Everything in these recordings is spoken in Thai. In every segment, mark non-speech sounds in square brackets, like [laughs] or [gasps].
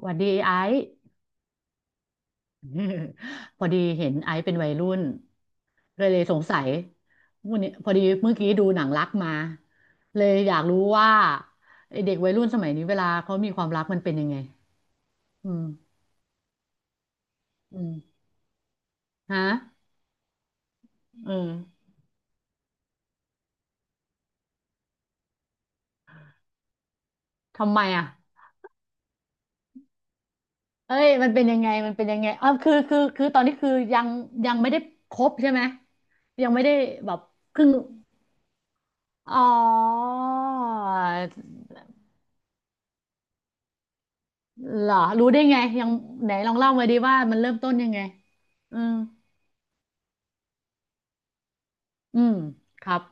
หวัดดีไอซ์ [laughs] พอดีเห็นไอซ์เป็นวัยรุ่นเลยสงสัยวันนี้พอดีเมื่อกี้ดูหนังรักมาเลยอยากรู้ว่าไอ้เด็กวัยรุ่นสมัยนี้เวลาเขามีความรักมันเป็นยังไงอืมอืมฮะเออทำไมอ่ะเอ้ยมันเป็นยังไงมันเป็นยังไงอ๋อคือตอนนี้คือยังยังไม่ได้คบใช่ไหมยังไม่ได้แบบครึ่งอ๋อ เหรอรู้ได้ไงยังไหนลองเล่ามาดีว่ามันเริ่มต้นยังไงอืมอืมครับ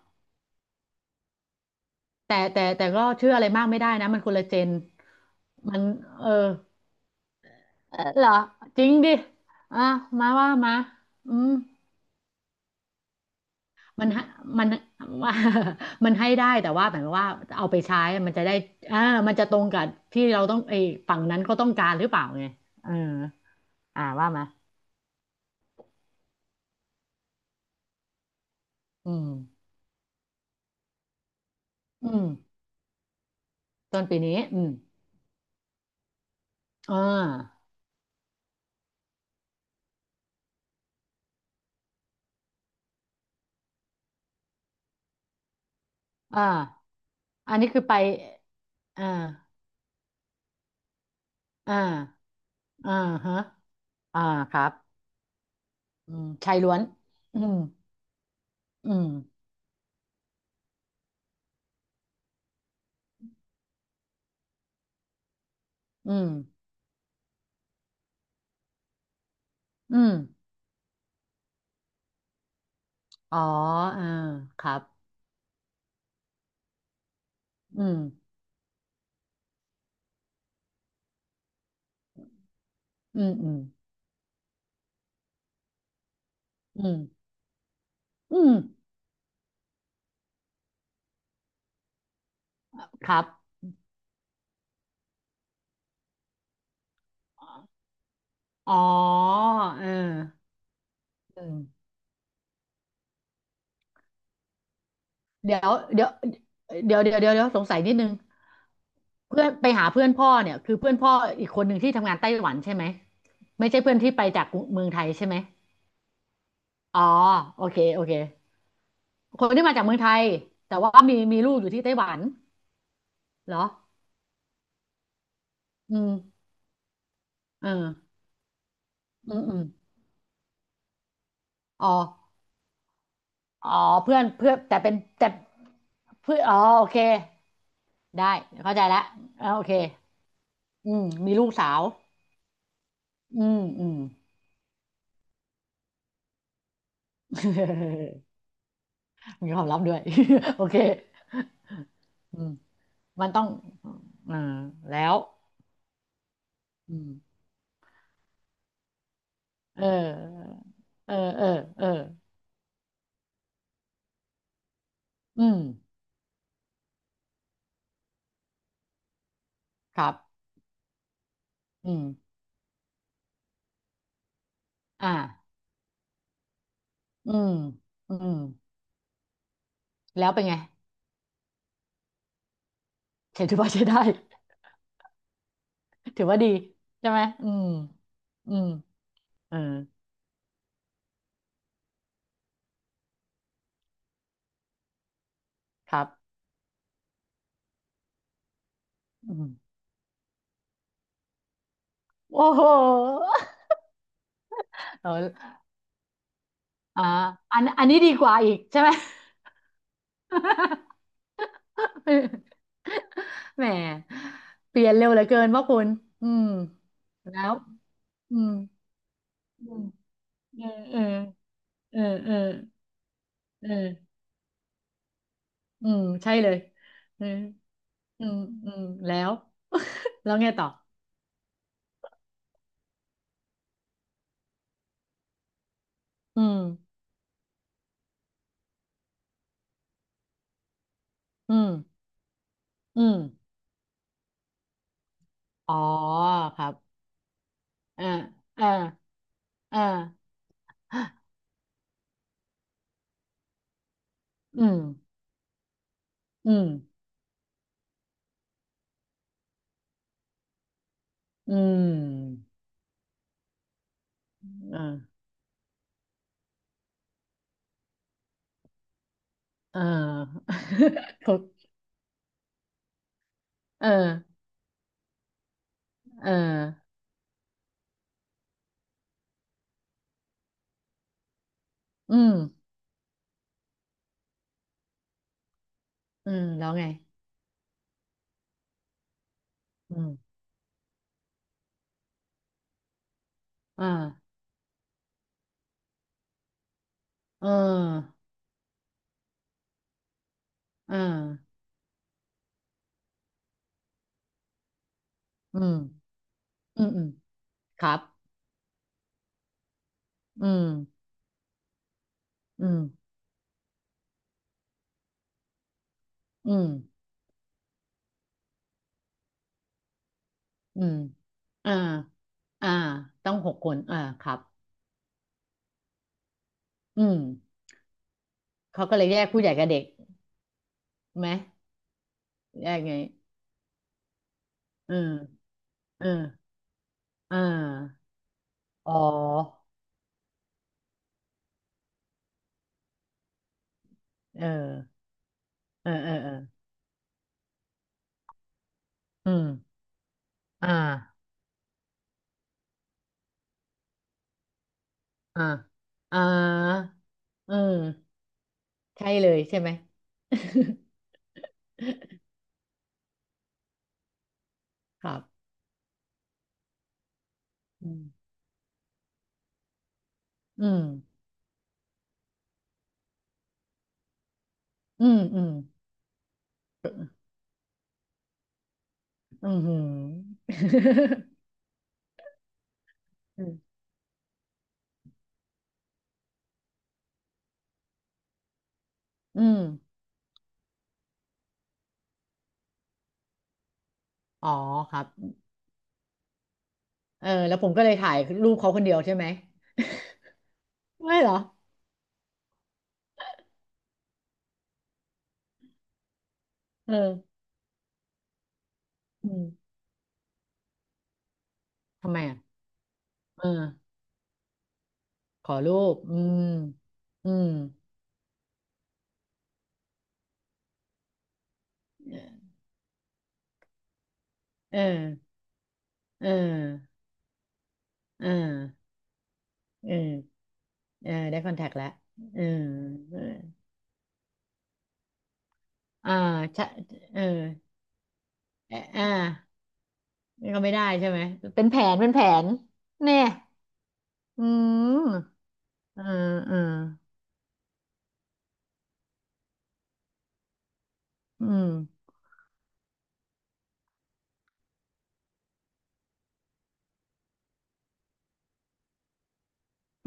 แต่ก็เชื่ออะไรมากไม่ได้นะมันคนละเจนมันเออเออเหรอจริงดิอ่ะมาว่ามาอืมมันให้มัน [laughs] มันให้ได้แต่ว่าหมายความว่าเอาไปใช้มันจะได้อ่ามันจะตรงกับที่เราต้องไอ้ฝั่งนั้นก็ต้องการหรือเปล่าไงเอออ่าว่ามาอืมอืมต้นปีนี้อืมอ่าอ่าอันนี้คือไป อ่าอ่าอ่าฮะอ่าครับอืมชายล้วนอืมอืมอืมอืมอ๋ออ่า ครับอืมอืมอืมอืมอืมครับอ๋อเอออืมเดี๋ยวเดี๋ยวเดี๋ยวเดี๋ยวเดี๋ยวเดี๋ยวสงสัยนิดนึงเพื่อนไปหาเพื่อนพ่อเนี่ยคือเพื่อนพ่ออีกคนหนึ่งที่ทำงานไต้หวันใช่ไหมไม่ใช่เพื่อนที่ไปจากเมืองไทยใช่ไหมอ๋อโอเคโอเคคนที่มาจากเมืองไทย แต่ว่ามีลูกอยู่ที่ไต้หวัน เหรออืมเอออืมอืมอ๋ออ๋อเพื่อนเพื่อนแต่เป็นแต่เพื่อนอ๋อโอเค ได้เข้าใจแล้วเอ่าโอเคอืมมีลูกสาวอืมอืม [laughs] มีความลับด้วย [laughs] โอเคอืมมันต้องอ่าแล้วอืมเออเออเออเอออืมครับอืมอ่าอืมอืมแล้วเป็นไงถือว่าใช้ได้ [laughs] ถือว่าดี ใช่ไหมอืมอืม เออครับอืมโอ้โหเอาอ่าอันอันนี้ดีกว่าอีกใช่ไหม [laughs] แหมเปลี่ยนเร็วเหลือเกินว่าคุณอืมแล้วอืมอืมเออเออเออเออเอออืมใช่เลยเอออืมอืมแล้ว [laughs] แล้วไงต่ออืมอืมอืมอ๋อครับอ่าอ่าอ่า [gasps] อืมอืมอืมเออ เออ [laughs] เขาเออเอออืมอืมแล้วไงอืมอ่าเอออ่าอืมอืมอืมครับอืมอืมอืมอืมอ่าอ่าต้องหกคนอ่าครับอืมเขาก็เลยแยกผู้ใหญ่กับเด็กไหมแยกไงอืมเอออ่าอ๋อเออเออเออเอออืมอ่าอ่าอ่าเออ ใช่เลยใช่ไหม [laughs] ครับอืมอืมอืมอืมอืมหืม [laughs] อืม [laughs] อืมอ๋อครับเออแล้วผมก็เลยถ่ายรูปเขาคนเดียวใช่ไหมไม่เหรอเอออืมทำไมอ่ะเออขอรูปอืมอืมเออเออเออเออเออได้คอนแทคแล้วเออเอออ่าใช่เอออ่า นี่ก็ไม่ได้ใช่ไหม เป็นแผนเป็นแผนเนี่ยอืมเออเอออืม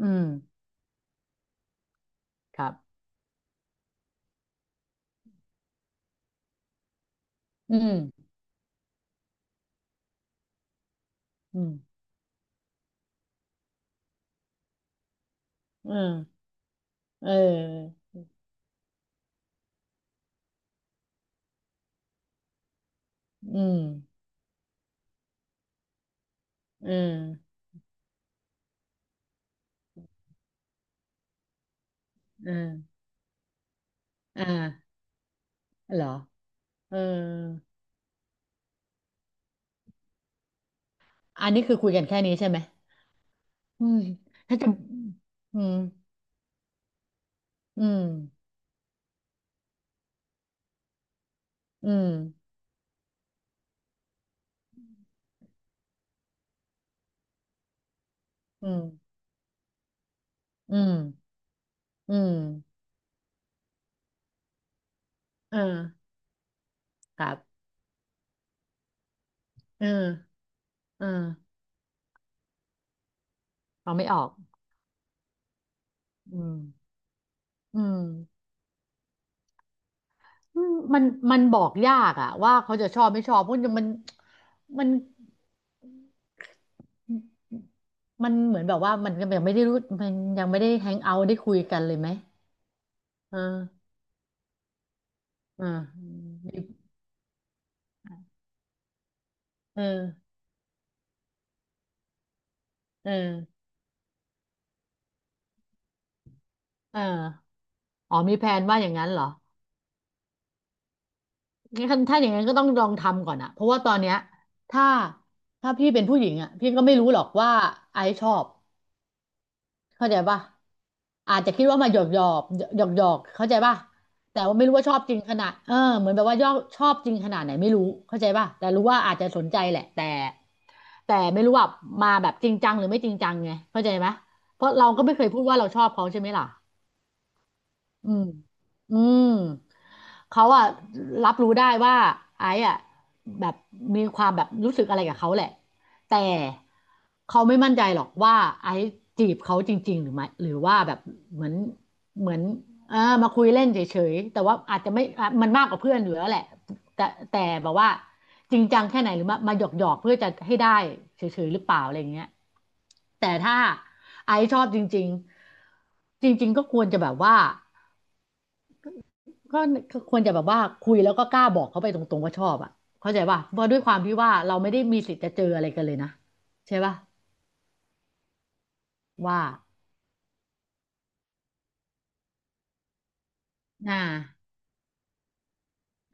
อืมครับอืมอืมเออเอออืมเออเอออ่าเหรอเอออันนี้คือคุยกันแค่นี้ใช่ไหมอืมถ้าจะอืมอืมอืมอืมอืมอืมเออครับเออเออฟังไม่ออกอืมอืม อืมมันบอกยากอะว่าเขาจะชอบไม่ชอบเพราะมันนมันเหมือนแบบว่ามันยังไม่ได้รู้มันยังไม่ได้แฮงเอาท์ได้คุยกันเลยไหมเออเออเออเออเอออ๋อมีแผนว่าอย่างนั้นเหรองั้นถ้าอย่างนั้นก็ต้องลองทำก่อนอะเพราะว่าตอนเนี้ยถ้าถ้าพี่เป็นผู้หญิงอะพี่ก็ไม่รู้หรอกว่าไอซ์ชอบ เข้าใจป่ะอาจจะคิดว่ามาหยอกหยอกหยอกๆเข้าใจป่ะแต่ว่าไม่รู้ว่าชอบจริงขนาดเออเหมือนแบบว่ายอกชอบจริงขนาดไหนไม่รู้เข้าใจป่ะแต่รู้ว่าอาจจะสนใจแหละแต่ไม่รู้ว่าแบบจริงจังหรือไม่จริงจังไงเข้าใจไหมเพราะเราก็ไม่เคยพูดว่าเราชอบเขาใช่ไหมล่ะ อืม อืม เขาอะรับรู้ได้ว่าไอ้อะแบบมีความแบบรู้สึกอะไรกับเขาแหละแต่เขาไม่มั่นใจหรอกว่าไอ้จีบเขาจริงๆหรือไม่หรือว่าแบบเหมือนเหมือนเออมาคุยเล่นเฉยๆแต่ว่าอาจจะไม่อ่ะมันมากกว่าเพื่อนอยู่แล้วแหละแต่แต่แบบว่าจริงจังแค่ไหนหรือมาหยอกหยอกเพื่อจะให้ได้เฉยๆหรือเปล่าอะไรอย่างเงี้ยแต่ถ้าไอซ์ชอบจริงๆจริงๆก็ควรจะแบบว่า ก็ก็ควรจะแบบว่าคุยแล้วก็กล้าบอกเขาไปตรงๆว่าชอบอ่ะเข้าใจป่ะเพราะด้วยความที่ว่าเราไม่ได้มีสิทธิ์จะเจออะไรกันเลยนะใช่ป่ะว่าอ่า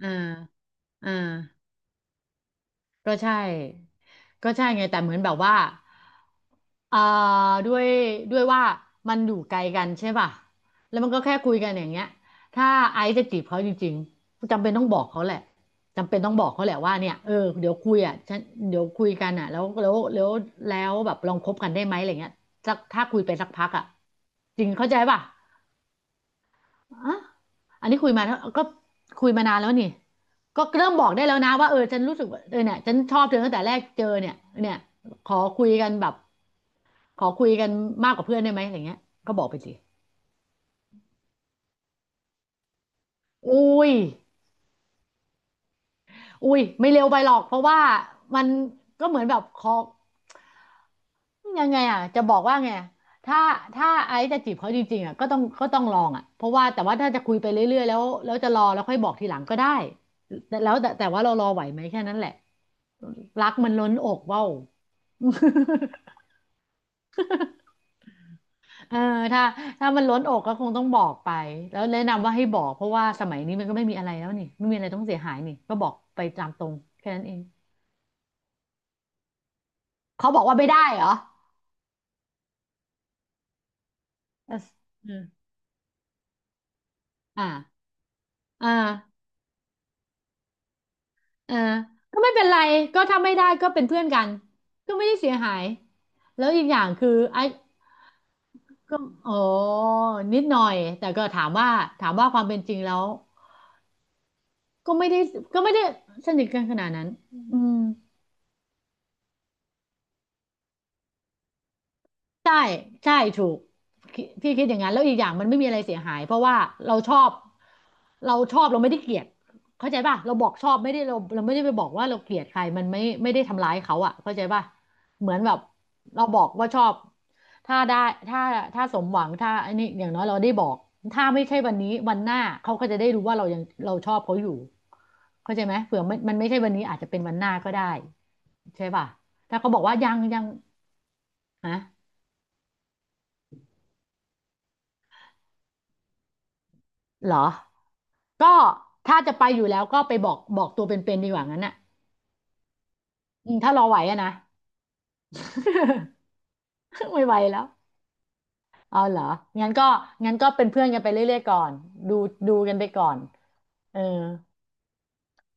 อ่า อ่า ก็ใช่ก็ใช่ไงแต่เหมือนแบบว่าเอ่อด้วยว่ามันอยู่ไกลกันใช่ป่ะแล้วมันก็แค่คุยกันอย่างเงี้ย ถ้าไอซ์จะจีบเขาจริงๆจำเป็นต้องบอกเขาแหละจำเป็นต้องบอกเขาแหละว่าเนี่ยเออเดี๋ยวคุยอ่ะฉันเดี๋ยวคุยกันอ่ะแล้วแบบลองคบกันได้ไหมอะไรเงี้ยสักถ้าคุยไปสักพักอ่ะจริงเข้าใจป่ะ อ่ะอันนี้คุยมาแล้วก็คุยมานานแล้วนี่ ก็เริ่มบอกได้แล้วนะว่าเออฉันรู้สึกว่าเออเนี่ยฉันชอบเธอตั้งแต่แรกเจอเนี่ยเนี่ยขอคุยกันแบบขอคุยกันมากกว่าเพื่อนได้ไหมอย่างเงี้ยก็บอกไปสิอุ้ยอุ้ยไม่เร็วไปหรอกเพราะว่ามันก็เหมือนแบบขอ ยังไงอ่ะจะบอกว่าไงอะถ้าถ้าไอซ์จะจีบเขาจริงๆอ่ะก็ต้องลองอ่ะเพราะว่าแต่ว่าถ้าจะคุยไปเรื่อยๆแล้วจะรอแล้วค่อยบอกทีหลังก็ได้แต่แล้วแต่แต่ว่าเรารอไหวไหมแค่นั้นแหละรักมันล้นอกเว้า [laughs] เออถ้าถ้ามันล้นอกก็คงต้องบอกไปแล้วแนะนำว่าให้บอกเพราะว่าสมัยนี้มันก็ไม่มีอะไรแล้วนี่ไม่มีอะไรต้องเสียหายนี่ก็บอกไปตามตรงแค่นั้นเองเขาบอกว่าไม่ได้เหรอเอออ่าอ่า เออก็ไม่เป็นไรก็ถ้าไม่ได้ก็เป็นเพื่อนกันก็ไม่ได้เสียหายแล้วอีกอย่างคือไอ้ก็อ๋อนิดหน่อยแต่ก็ถามว่าความเป็นจริงแล้วก็ไม่ได้ก็ไม่ได้สนิทกันขนาดนั้นอืม ใช่ใช่ถูกพี่คิดอย่างนั้นแล้วอีกอย่างมันไม่มีอะไรเสียหายเพราะว่าเราชอบเราชอบเราไม่ได้เกลียดเข้าใจป่ะเราบอกชอบไม่ได้เราไม่ได้ไปบอกว่าเราเกลียดใครมันไม่ได้ทำร้ายเขาอ่ะเข้าใจป่ะเหมือนแบบเราบอกว่าชอบถ้าได้ถ้าถ้าสมหวังถ้าอันนี้อย่างน้อยเราได้บอกถ้าไม่ใช่วันนี้วันหน้าเขาก็จะได้รู้ว่าเราชอบเขาอยู่เข้าใจไหมเผื่อมันไม่ใช่วันนี้อาจจะเป็นวันหน้าก็ได้ใช่ป่ะถ้าเขาบอกว่ายังฮะเหรอ ก็ถ้าจะไปอยู่แล้วก็ไปบอกตัวเป็นๆดีกว่างั้นน่ะอืมถ้ารอไหวอะนะ [laughs] ไม่ไหวแล้วเอาเหรองั้นก็งั้นก็เป็นเพื่อนกันไปเรื่อยๆก่อนดูดูกันไปก่อนเออ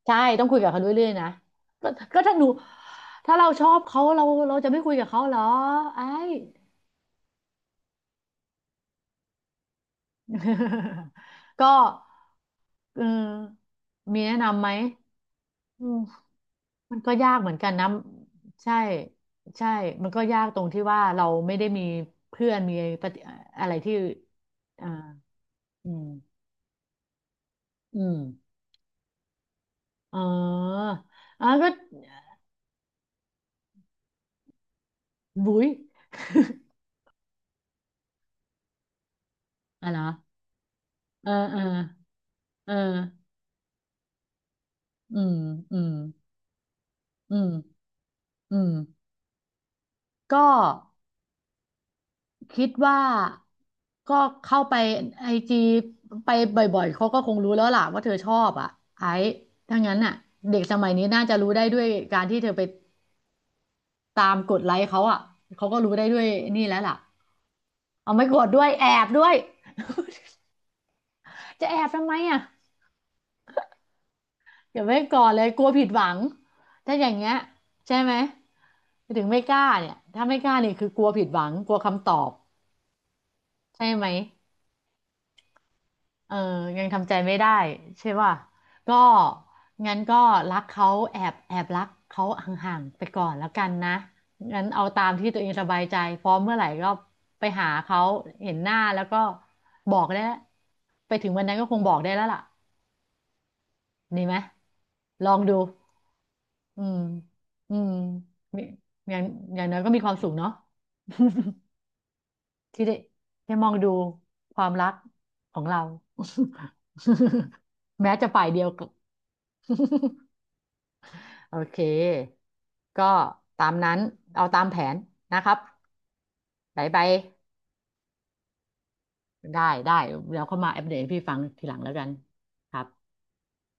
ใช่ต้องคุยกับเขาเรื่อยๆนะก็ก็ถ้าเราชอบเขาเราจะไม่คุยกับเขาเหรอไอ้ [laughs] ก็เออมีแนะนำไหมอืม มันก็ยากเหมือนกันนะใช่ใช่ มันก็ยากตรงที่ว่าเราไม่ได้มีเพื่อนมีปฏิอะไรที่อ่าอืมอืมเอ๋ออ๋อก็บุ๋ย [laughs] อ่ะเหรอเออเออเอออืมอืมอืมอืมก็คิดว่าก็เข้าไปไอจีไปบ่อยๆเขาก็คงรู้แล้วล่ะว่าเธอชอบอ่ะไอ้ถ้างั้นน่ะเด็กสมัยนี้น่าจะรู้ได้ด้วยการที่เธอไป ตามกดไลค์เขาอ่ะเขาก็รู้ได้ด้วยนี่แล้วล่ะเอาไม่กดด้วยแอบด้วยจะแอบทำไมอ่ะอย่าไว้ก่อนเลยกลัวผิดหวังถ้าอย่างเงี้ยใช่ไหมถึงไม่กล้าเนี่ยถ้าไม่กล้านี่คือกลัวผิดหวังกลัวคำตอบใช่ไหม เออยังทำใจไม่ได้ใช่ป่ะก็งั้นก็รักเขาแอบแอบรักเขาห่างๆไปก่อนแล้วกันนะงั้นเอาตามที่ตัวเองสบายใจพร้อมเมื่อไหร่ก็ไปหาเขาเห็นหน้าแล้วก็บอกได้แล้วไปถึงวันนั้นก็คงบอกได้แล้วล่ะดีไหมลองดูอืมอืมมีอย่างอย่างน้อยก็มีความสุขเนาะ [laughs] ที่ได้มองดูความรักของเรา [laughs] แม้จะฝ่ายเดียว [laughs] โอเค ก็ตามนั้นเอาตามแผนนะครับไปไปได้ได้เดี๋ยวเข้ามาอัปเดตให้พี่ฟังทีหลังแล้วกันครับ